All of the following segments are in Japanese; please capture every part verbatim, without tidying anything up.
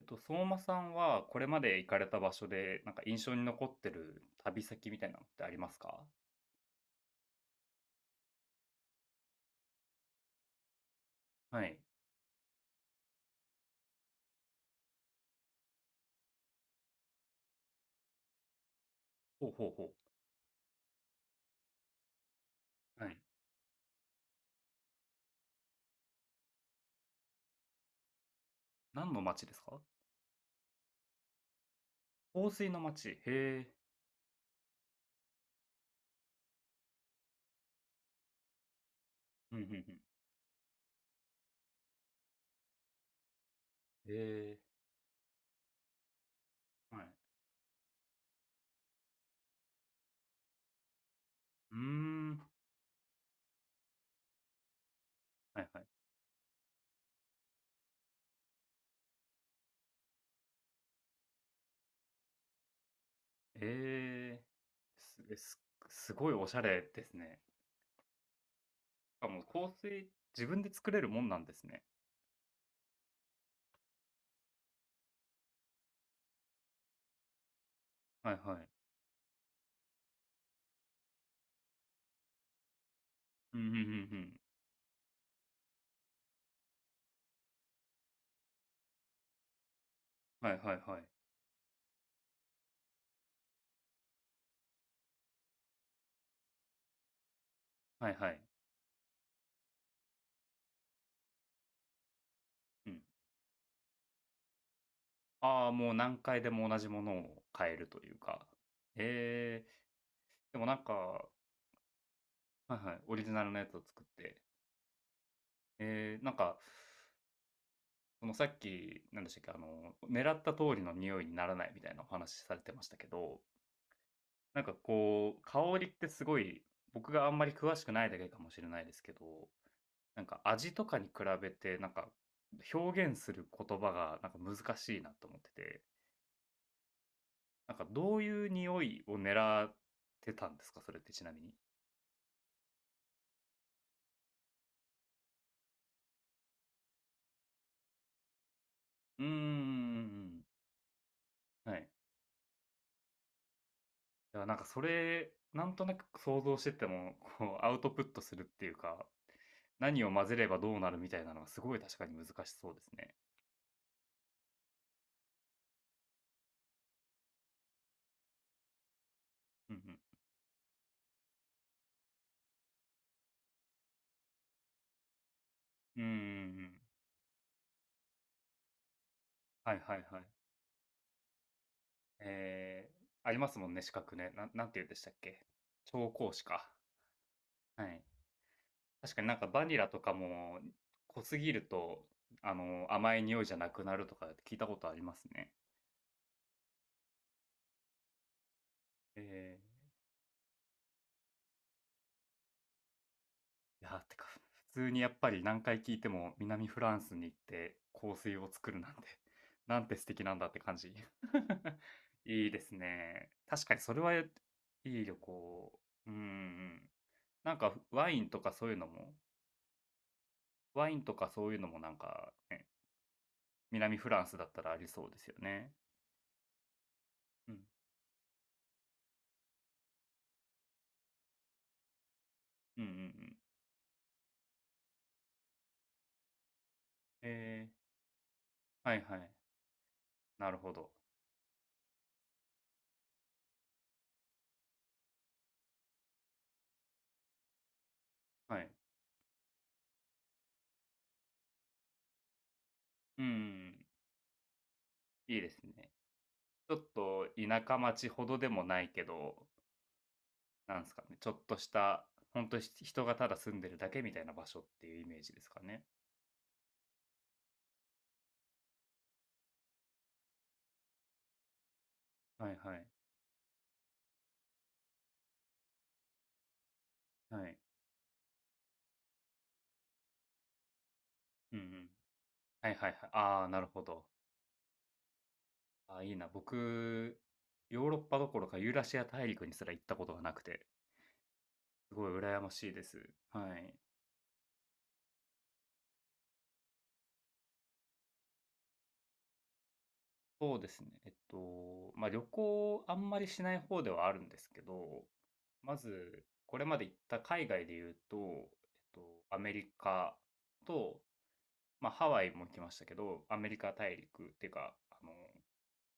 えっと、相馬さんはこれまで行かれた場所で、なんか印象に残ってる旅先みたいなのってありますか？はい。ほうほうほう。はい。何の町ですか？香水の町。へえ。うんうんうん。へえ。はい。うーん。はいはい。へえ。す、えす、すごいおしゃれですね。しかも香水、自分で作れるもんなんですね。はいはい。うんうんうんうん。はいはいはい。はいはい。ああ、もう何回でも同じものを買えるというか。ええ、でもなんかはいはい、オリジナルのやつを作って。ええ、なんか、そのさっき、何でしたっけ、あの、狙った通りの匂いにならないみたいなお話されてましたけど、なんかこう、香りってすごい、僕があんまり詳しくないだけかもしれないですけど、なんか味とかに比べて、なんか、表現する言葉がなんか難しいなと思ってて、なんかどういう匂いを狙ってたんですか？それってちなみに。うーん、はい。だからなんかそれ、なんとなく想像してても、こうアウトプットするっていうか、何を混ぜればどうなるみたいなのはすごい確かに難しそうですね。うんうん。うんうんうん。はいはいはい。えーありますもんね、資格ね。ななんて言うんでしたっけ。調香師か。はい。確かになんかバニラとかも濃すぎると、あの、甘い匂いじゃなくなるとか聞いたことありますね。えーいや、てか、普通にやっぱり何回聞いても南フランスに行って香水を作るなんて、なんて素敵なんだって感じ。いいですね。確かにそれはいい旅行。うんうん。なんかワインとかそういうのも、ワインとかそういうのもなんか、ね、南フランスだったらありそうですよね。うん。うんうんうん。えー、はいはい。なるほど。はい。うんうんうん。いいですね。ちょっと田舎町ほどでもないけど、なんですかね、ちょっとした、本当に人がただ住んでるだけみたいな場所っていうイメージですかね。はいはい。はい。うんうん。はいはいはい。ああ、なるほど。ああ、いいな。僕、ヨーロッパどころかユーラシア大陸にすら行ったことがなくて、すごい羨ましいです。はい。そうですね。えっと、まあ、旅行あんまりしない方ではあるんですけど、まず、これまで行った海外で言うと、えっと、アメリカと、まあ、ハワイも来ましたけど、アメリカ大陸っていうか、あの、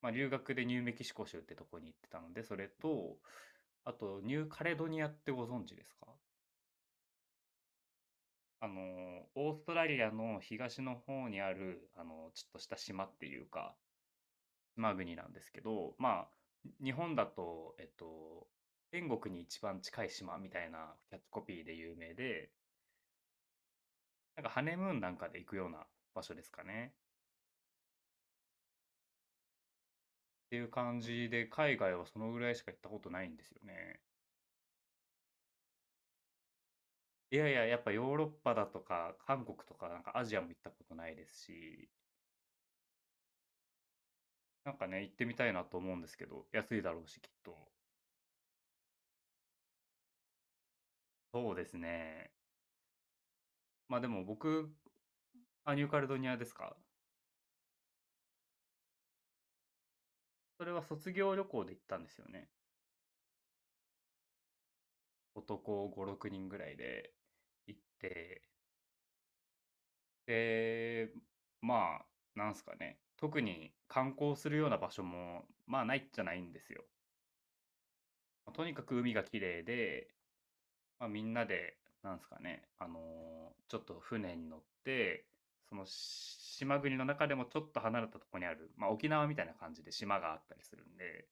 まあ、留学でニューメキシコ州ってとこに行ってたので、それと、あと、ニューカレドニアってご存知ですか？あの、オーストラリアの東の方にある、あの、ちょっとした島っていうか、島国なんですけど、まあ、日本だと、えっと、天国に一番近い島みたいなキャッチコピーで有名で、なんかハネムーンなんかで行くような場所ですかね。っていう感じで、海外はそのぐらいしか行ったことないんですよね。いやいや、やっぱヨーロッパだとか、韓国とか、なんかアジアも行ったことないですし、なんかね、行ってみたいなと思うんですけど、安いだろうし、きっと。そうですね。まあでも僕、あ、ニューカレドニアですか？それは卒業旅行で行ったんですよね。男ご、ろくにんぐらいで行って、で、まあ、なんすかね。特に観光するような場所も、まあないっちゃないんですよ。まとにかく海が綺麗で、まあ、みんなで、なんですかね、あの、ちょっと船に乗って、その、島国の中でもちょっと離れたところにある、まあ、沖縄みたいな感じで島があったりするんで、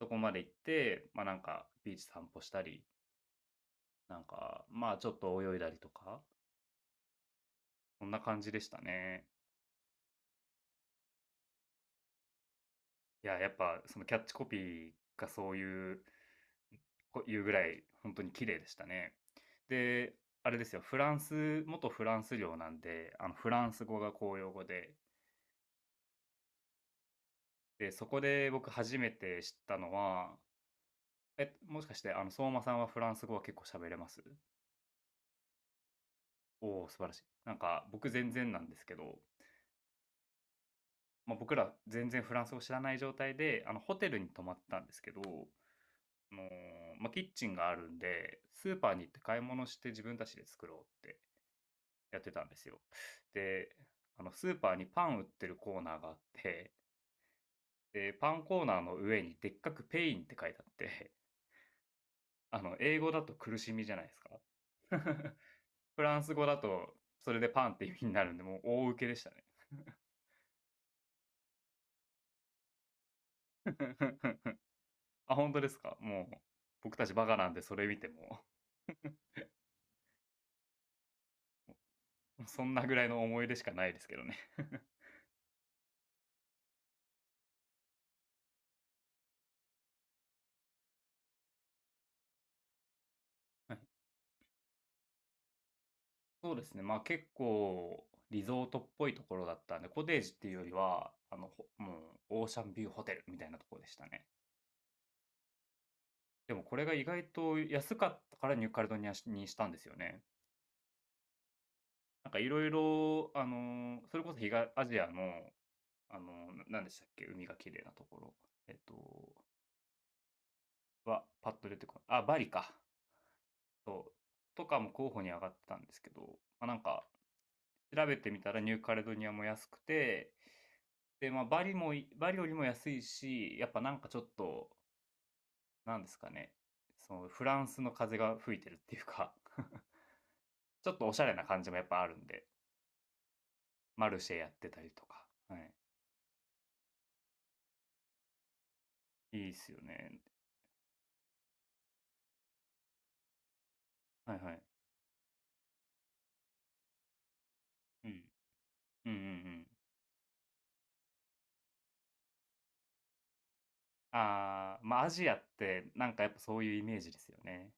そこまで行って、まあ、なんかビーチ散歩したり、なんか、まあ、ちょっと泳いだりとか、そんな感じでしたね。いや、やっぱそのキャッチコピーがそういういうぐらい本当に綺麗でしたね。で、あれですよ、フランス、元フランス領なんで、あのフランス語が公用語で、で、そこで僕初めて知ったのは、え、もしかしてあの相馬さんはフランス語は結構喋れます？おお、素晴らしい。なんか僕全然なんですけど、まあ、僕ら全然フランス語知らない状態で、あのホテルに泊まったんですけど、あのーまあ、キッチンがあるんで、スーパーに行って買い物して自分たちで作ろうってやってたんですよ。で、あのスーパーにパン売ってるコーナーがあって、で、パンコーナーの上にでっかくペインって書いてあって、あの、英語だと苦しみじゃないですか。フランス語だと、それでパンって意味になるんで、もう大受けでしたね。あ、本当ですか？もう、僕たちバカなんでそれ見ても、そんなぐらいの思い出しかないですけどね。はいそうですね。まあ結構リゾートっぽいところだったんで、コテージっていうよりは、あの、ほもうオーシャンビューホテルみたいなところでしたね。でもこれが意外と安かったからニューカレドニアにしたんですよね。なんかいろいろ、あの、それこそ東アジアの、あの、ななんでしたっけ、海が綺麗なところ。えっと、は、パッと出てこない。あ、バリか。そう。とかも候補に上がってたんですけど、まあ、なんか調べてみたらニューカレドニアも安くて、で、まあ、バリもい、バリよりも安いし、やっぱなんかちょっと、なんですかね、そのフランスの風が吹いてるっていうか、ちょっとおしゃれな感じもやっぱあるんで、マルシェやってたりとか、はい。いいっすよね。はいはい。うん。うんうんうん。ああまあアジアってなんかやっぱそういうイメージですよね。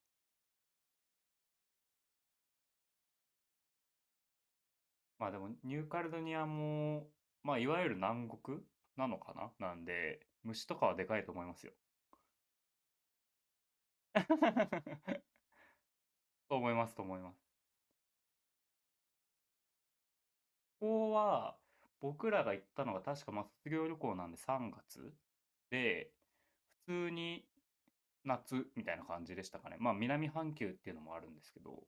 まあでもニューカレドニアも、まあいわゆる南国なのかななんで、虫とかはでかいと思いますよ。と思いますと思います。こは、僕らが行ったのが確かまあ卒業旅行なんでさんがつで、普通に夏みたいな感じでしたかね。まあ南半球っていうのもあるんですけど、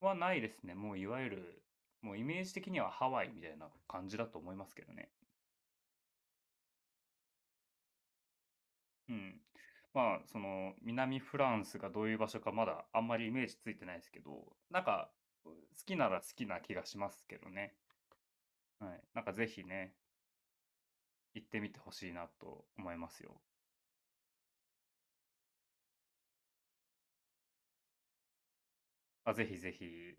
はないですね。もういわゆる、もうイメージ的にはハワイみたいな感じだと思いますけどね。うん。まあその南フランスがどういう場所かまだあんまりイメージついてないですけど、なんか好きなら好きな気がしますけどね。はい。なんかぜひね、行ってみてほしいなと思いますよ。あ、ぜひぜひ。